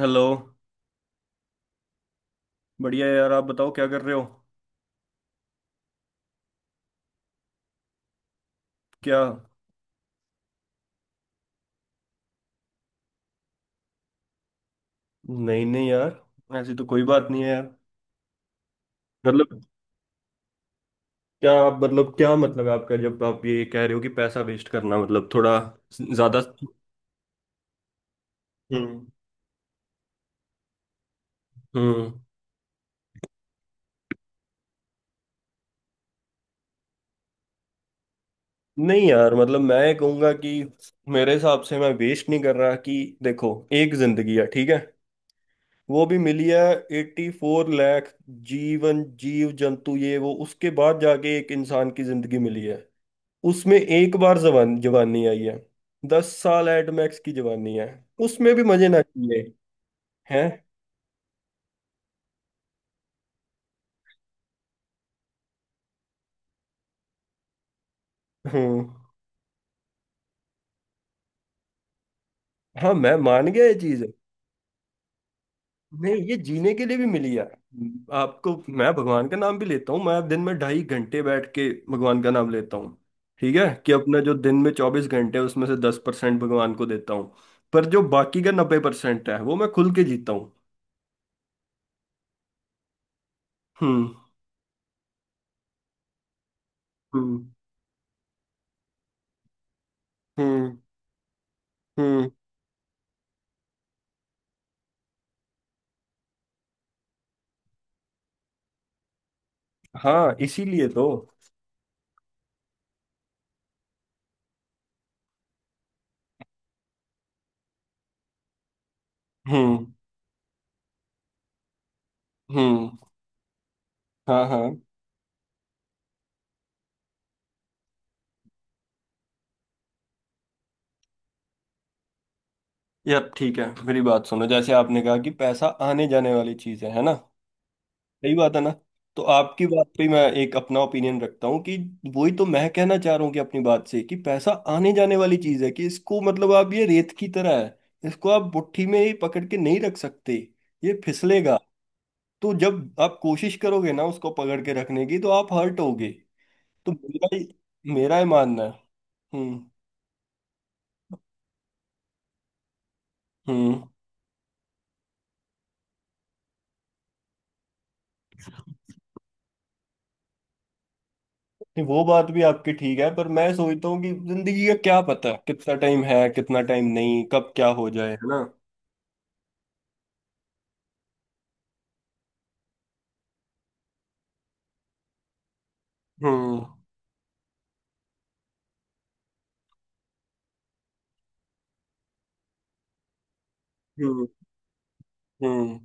Hello. बढ़िया यार, आप बताओ क्या कर रहे हो? क्या? नहीं नहीं यार, ऐसी तो कोई बात नहीं है यार। मतलब क्या मतलब आपका जब आप ये कह रहे हो कि पैसा वेस्ट करना, मतलब थोड़ा ज्यादा? हम्म। हम्म। नहीं यार, मतलब मैं ये कहूंगा कि मेरे हिसाब से मैं वेस्ट नहीं कर रहा कि देखो, एक जिंदगी है, ठीक है। वो भी मिली है। 84 लाख जीवन जीव जंतु ये वो उसके बाद जाके एक इंसान की जिंदगी मिली है। उसमें एक बार जवान जवानी आई है। 10 साल एट मैक्स की जवानी है। उसमें भी मजे ना किए हैं। हम्म। हाँ मैं मान गया ये चीज। नहीं ये जीने के लिए भी मिली है। आपको, मैं भगवान का नाम भी लेता हूँ, मैं दिन में 2.5 घंटे बैठ के भगवान का नाम लेता हूँ। ठीक है कि अपना जो दिन में 24 घंटे है उसमें से 10% भगवान को देता हूँ। पर जो बाकी का 90% है वो मैं खुल के जीता हूँ। हम्म। हम्म। हम्म। हम्म। हाँ इसीलिए तो। हम्म। हम्म। हाँ हाँ। यार ठीक है, मेरी बात सुनो। जैसे आपने कहा कि पैसा आने जाने वाली चीज है ना? सही बात है ना। तो आपकी बात पे मैं एक अपना ओपिनियन रखता हूँ कि वही तो मैं कहना चाह रहा हूँ कि अपनी बात से कि पैसा आने जाने वाली चीज है, कि इसको मतलब आप, ये रेत की तरह है, इसको आप मुट्ठी में ही पकड़ के नहीं रख सकते। ये फिसलेगा। तो जब आप कोशिश करोगे ना उसको पकड़ के रखने की तो आप हर्ट होगे। तो मेरा मेरा ही मानना है। हम्म। हम्म। नहीं वो बात भी आपकी ठीक है, पर मैं सोचता हूँ कि जिंदगी का क्या पता कितना टाइम है, कितना टाइम नहीं, कब क्या हो जाए, है ना? हम्म। हम्म। हम्म।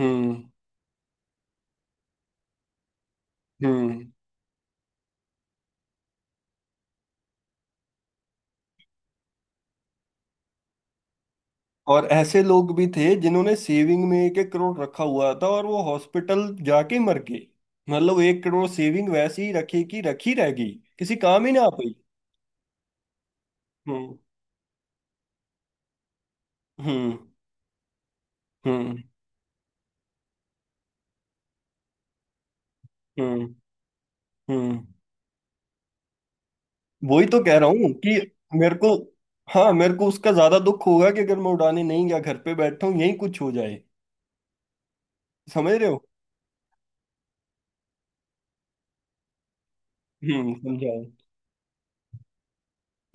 हम्म। हम्म। और ऐसे लोग भी थे जिन्होंने सेविंग में एक एक करोड़ रखा हुआ था और वो हॉस्पिटल जाके मर गए। मतलब 1 करोड़ सेविंग वैसी ही रखी कि रखी रह गई, किसी काम ही ना आ पाई। हम्म। हम्म। हम्म। हम्म। हम्म। वही तो कह रहा हूँ कि मेरे को, हाँ मेरे को उसका ज्यादा दुख होगा कि अगर मैं उड़ाने नहीं गया, घर पे बैठा हूँ यही कुछ हो जाए। समझ रहे हो? हम्म, समझाओ।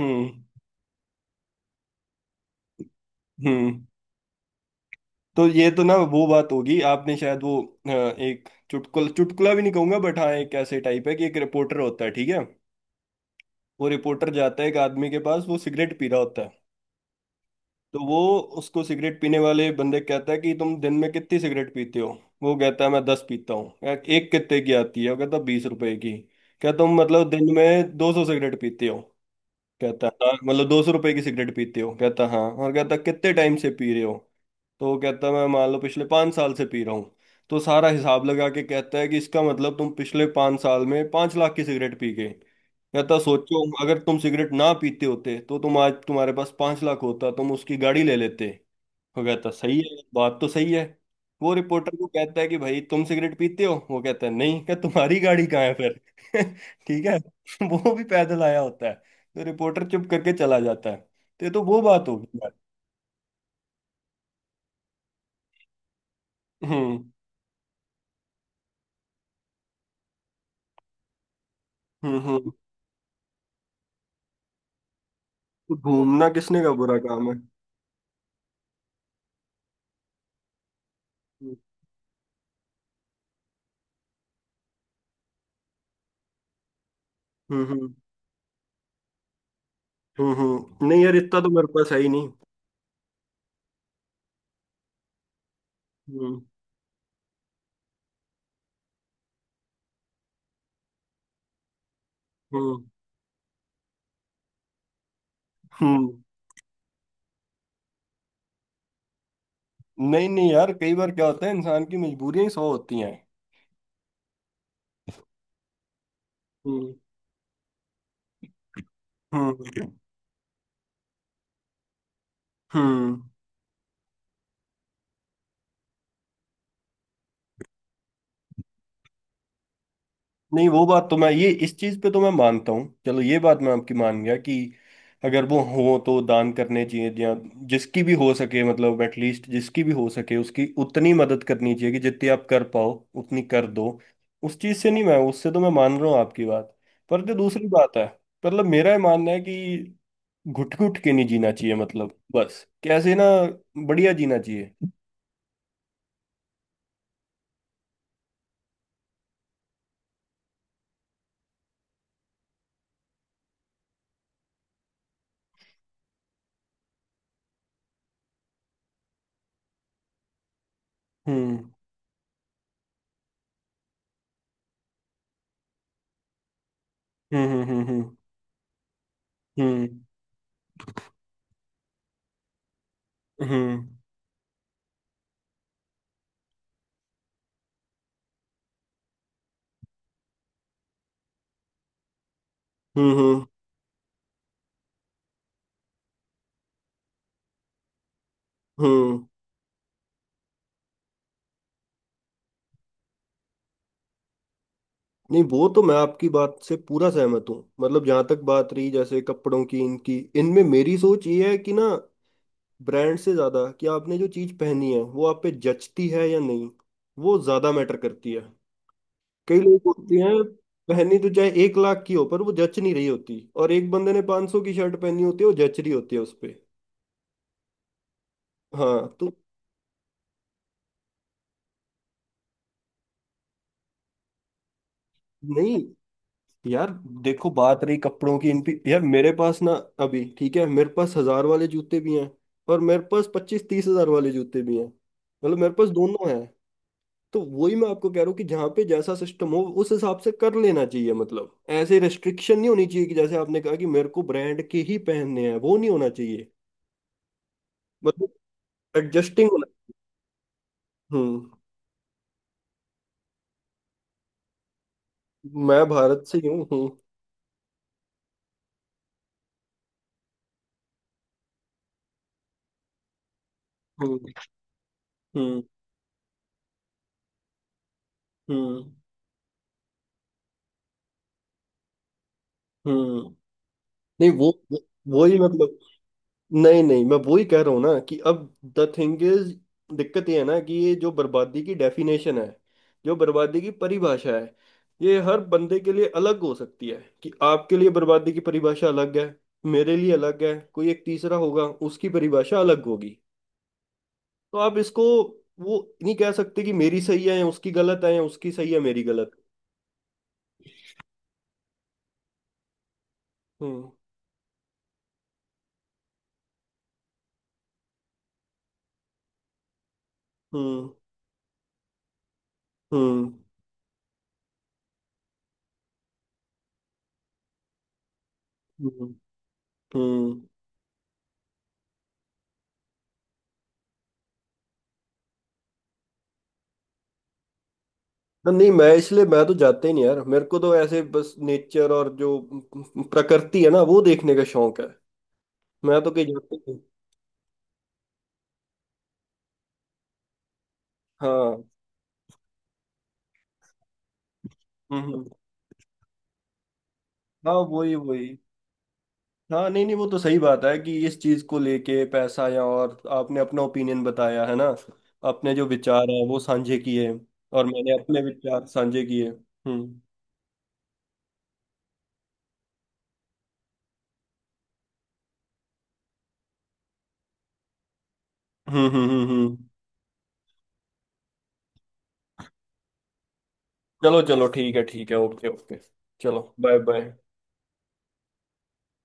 हम्म। हम्म। तो ये तो ना वो बात होगी, आपने शायद वो एक चुटकुला चुटकुला भी नहीं कहूंगा, बट हाँ एक ऐसे टाइप है कि एक रिपोर्टर होता है, ठीक है। वो रिपोर्टर जाता है एक आदमी के पास, वो सिगरेट पी रहा होता है। तो वो उसको, सिगरेट पीने वाले बंदे कहता है कि तुम दिन में कितनी सिगरेट पीते हो? वो कहता है मैं 10 पीता हूँ। कहा, एक कितने की आती है? वो कहता 20 रुपए की। क्या तुम मतलब दिन में 200 सिगरेट पीते हो? कहता हाँ। मतलब 200 रुपए की सिगरेट पीते हो? कहता हाँ। और कहता कितने टाइम से पी रहे हो? तो वो कहता है मैं मान लो पिछले 5 साल से पी रहा हूँ। तो सारा हिसाब लगा के कहता है कि इसका मतलब तुम पिछले 5 साल में 5 लाख की सिगरेट पी गए। कहता सोचो, अगर तुम सिगरेट ना पीते होते तो तुम आज, तुम्हारे पास 5 लाख होता, तुम उसकी गाड़ी ले लेते। वो कहता सही है, बात तो सही है। वो रिपोर्टर को कहता है कि भाई तुम सिगरेट पीते हो? वो कहता है नहीं। क्या? तुम्हारी गाड़ी कहाँ है फिर? ठीक है। वो भी पैदल आया होता है। तो रिपोर्टर चुप करके चला जाता है। तो ये तो वो बात होगी यार। हम्म। हम्म। हम्म। घूमना किसने का बुरा काम है? हम्म। हम्म। हम्म। हम्म। नहीं यार, इतना तो मेरे पास है ही नहीं। हम्म। हम्म। हम्म। नहीं नहीं यार, कई बार क्या होता है इंसान की मजबूरियां ही सौ होती हैं। हम्म। हम्म। हम्म। नहीं वो बात तो मैं, ये इस चीज पे तो मैं मानता हूँ। चलो ये बात मैं आपकी मान गया कि अगर वो हो तो दान करने चाहिए या जिसकी भी हो सके, मतलब एटलीस्ट जिसकी भी हो सके उसकी उतनी मदद करनी चाहिए कि जितनी आप कर पाओ उतनी कर दो। उस चीज से नहीं, मैं उससे तो मैं मान रहा हूँ आपकी बात। पर जो दूसरी बात है, मतलब मेरा ये मानना है कि घुट घुट के नहीं जीना चाहिए, मतलब बस कैसे ना बढ़िया जीना चाहिए। हम्म। हम्म। हम्म। हम्म। हम्म। हम्म। हम्म। हम्म। हम्म। हम्म, नहीं वो तो मैं आपकी बात से पूरा सहमत हूँ। मतलब जहां तक बात रही जैसे कपड़ों की, इनकी, इनमें मेरी सोच ये है कि ना, ब्रांड से ज्यादा कि आपने जो चीज पहनी है वो आप पे जचती है या नहीं, वो ज्यादा मैटर करती है। कई लोग होते हैं पहनी तो चाहे 1 लाख की हो पर वो जच नहीं रही होती, और एक बंदे ने 500 सौ की शर्ट पहनी होती है वो जच रही होती है उस पे। हाँ तो नहीं यार देखो, बात रही कपड़ों की इन पे, यार मेरे पास ना अभी, ठीक है, मेरे पास 1000 वाले जूते भी हैं और मेरे पास 25-30 हजार वाले जूते भी हैं। मतलब मेरे पास दोनों हैं। तो वही मैं आपको कह रहा हूँ कि जहाँ पे जैसा सिस्टम हो उस हिसाब से कर लेना चाहिए, मतलब ऐसे रिस्ट्रिक्शन नहीं होनी चाहिए कि जैसे आपने कहा कि मेरे को ब्रांड के ही पहनने हैं, वो नहीं होना चाहिए। मतलब एडजस्टिंग होना। हम्म। मैं भारत से ही हूँ। हम्म। हम्म। हम्म। हम्म। हम्म। नहीं वही मतलब। नहीं नहीं, मैं वो ही कह रहा हूँ ना कि अब द थिंग इज, दिक्कत ये है ना कि ये जो बर्बादी की डेफिनेशन है, जो बर्बादी की परिभाषा है, ये हर बंदे के लिए अलग हो सकती है, कि आपके लिए बर्बादी की परिभाषा अलग है, मेरे लिए अलग है, कोई एक तीसरा होगा, उसकी परिभाषा अलग होगी। तो आप इसको, वो नहीं कह सकते कि मेरी सही है या उसकी गलत है, या उसकी सही है मेरी गलत। हम्म। हम्म। हम्म। हम्म। हम्म। ना, नहीं, मैं इसलिए मैं तो जाते ही नहीं यार, मेरे को तो ऐसे बस नेचर और जो प्रकृति है ना वो देखने का शौक है। मैं तो कहीं जाता ही नहीं। हाँ। हम्म। हम्म। हाँ वही वही। हाँ नहीं नहीं, वो तो सही बात है कि इस चीज को लेके पैसा, या, और आपने अपना ओपिनियन बताया है ना, अपने जो विचार है वो साझे किए और मैंने अपने विचार साझे किए। हम्म। हम्म। हम्म। हम्म। हम्म। चलो चलो, ठीक है ठीक है, ओके ओके। चलो बाय बाय।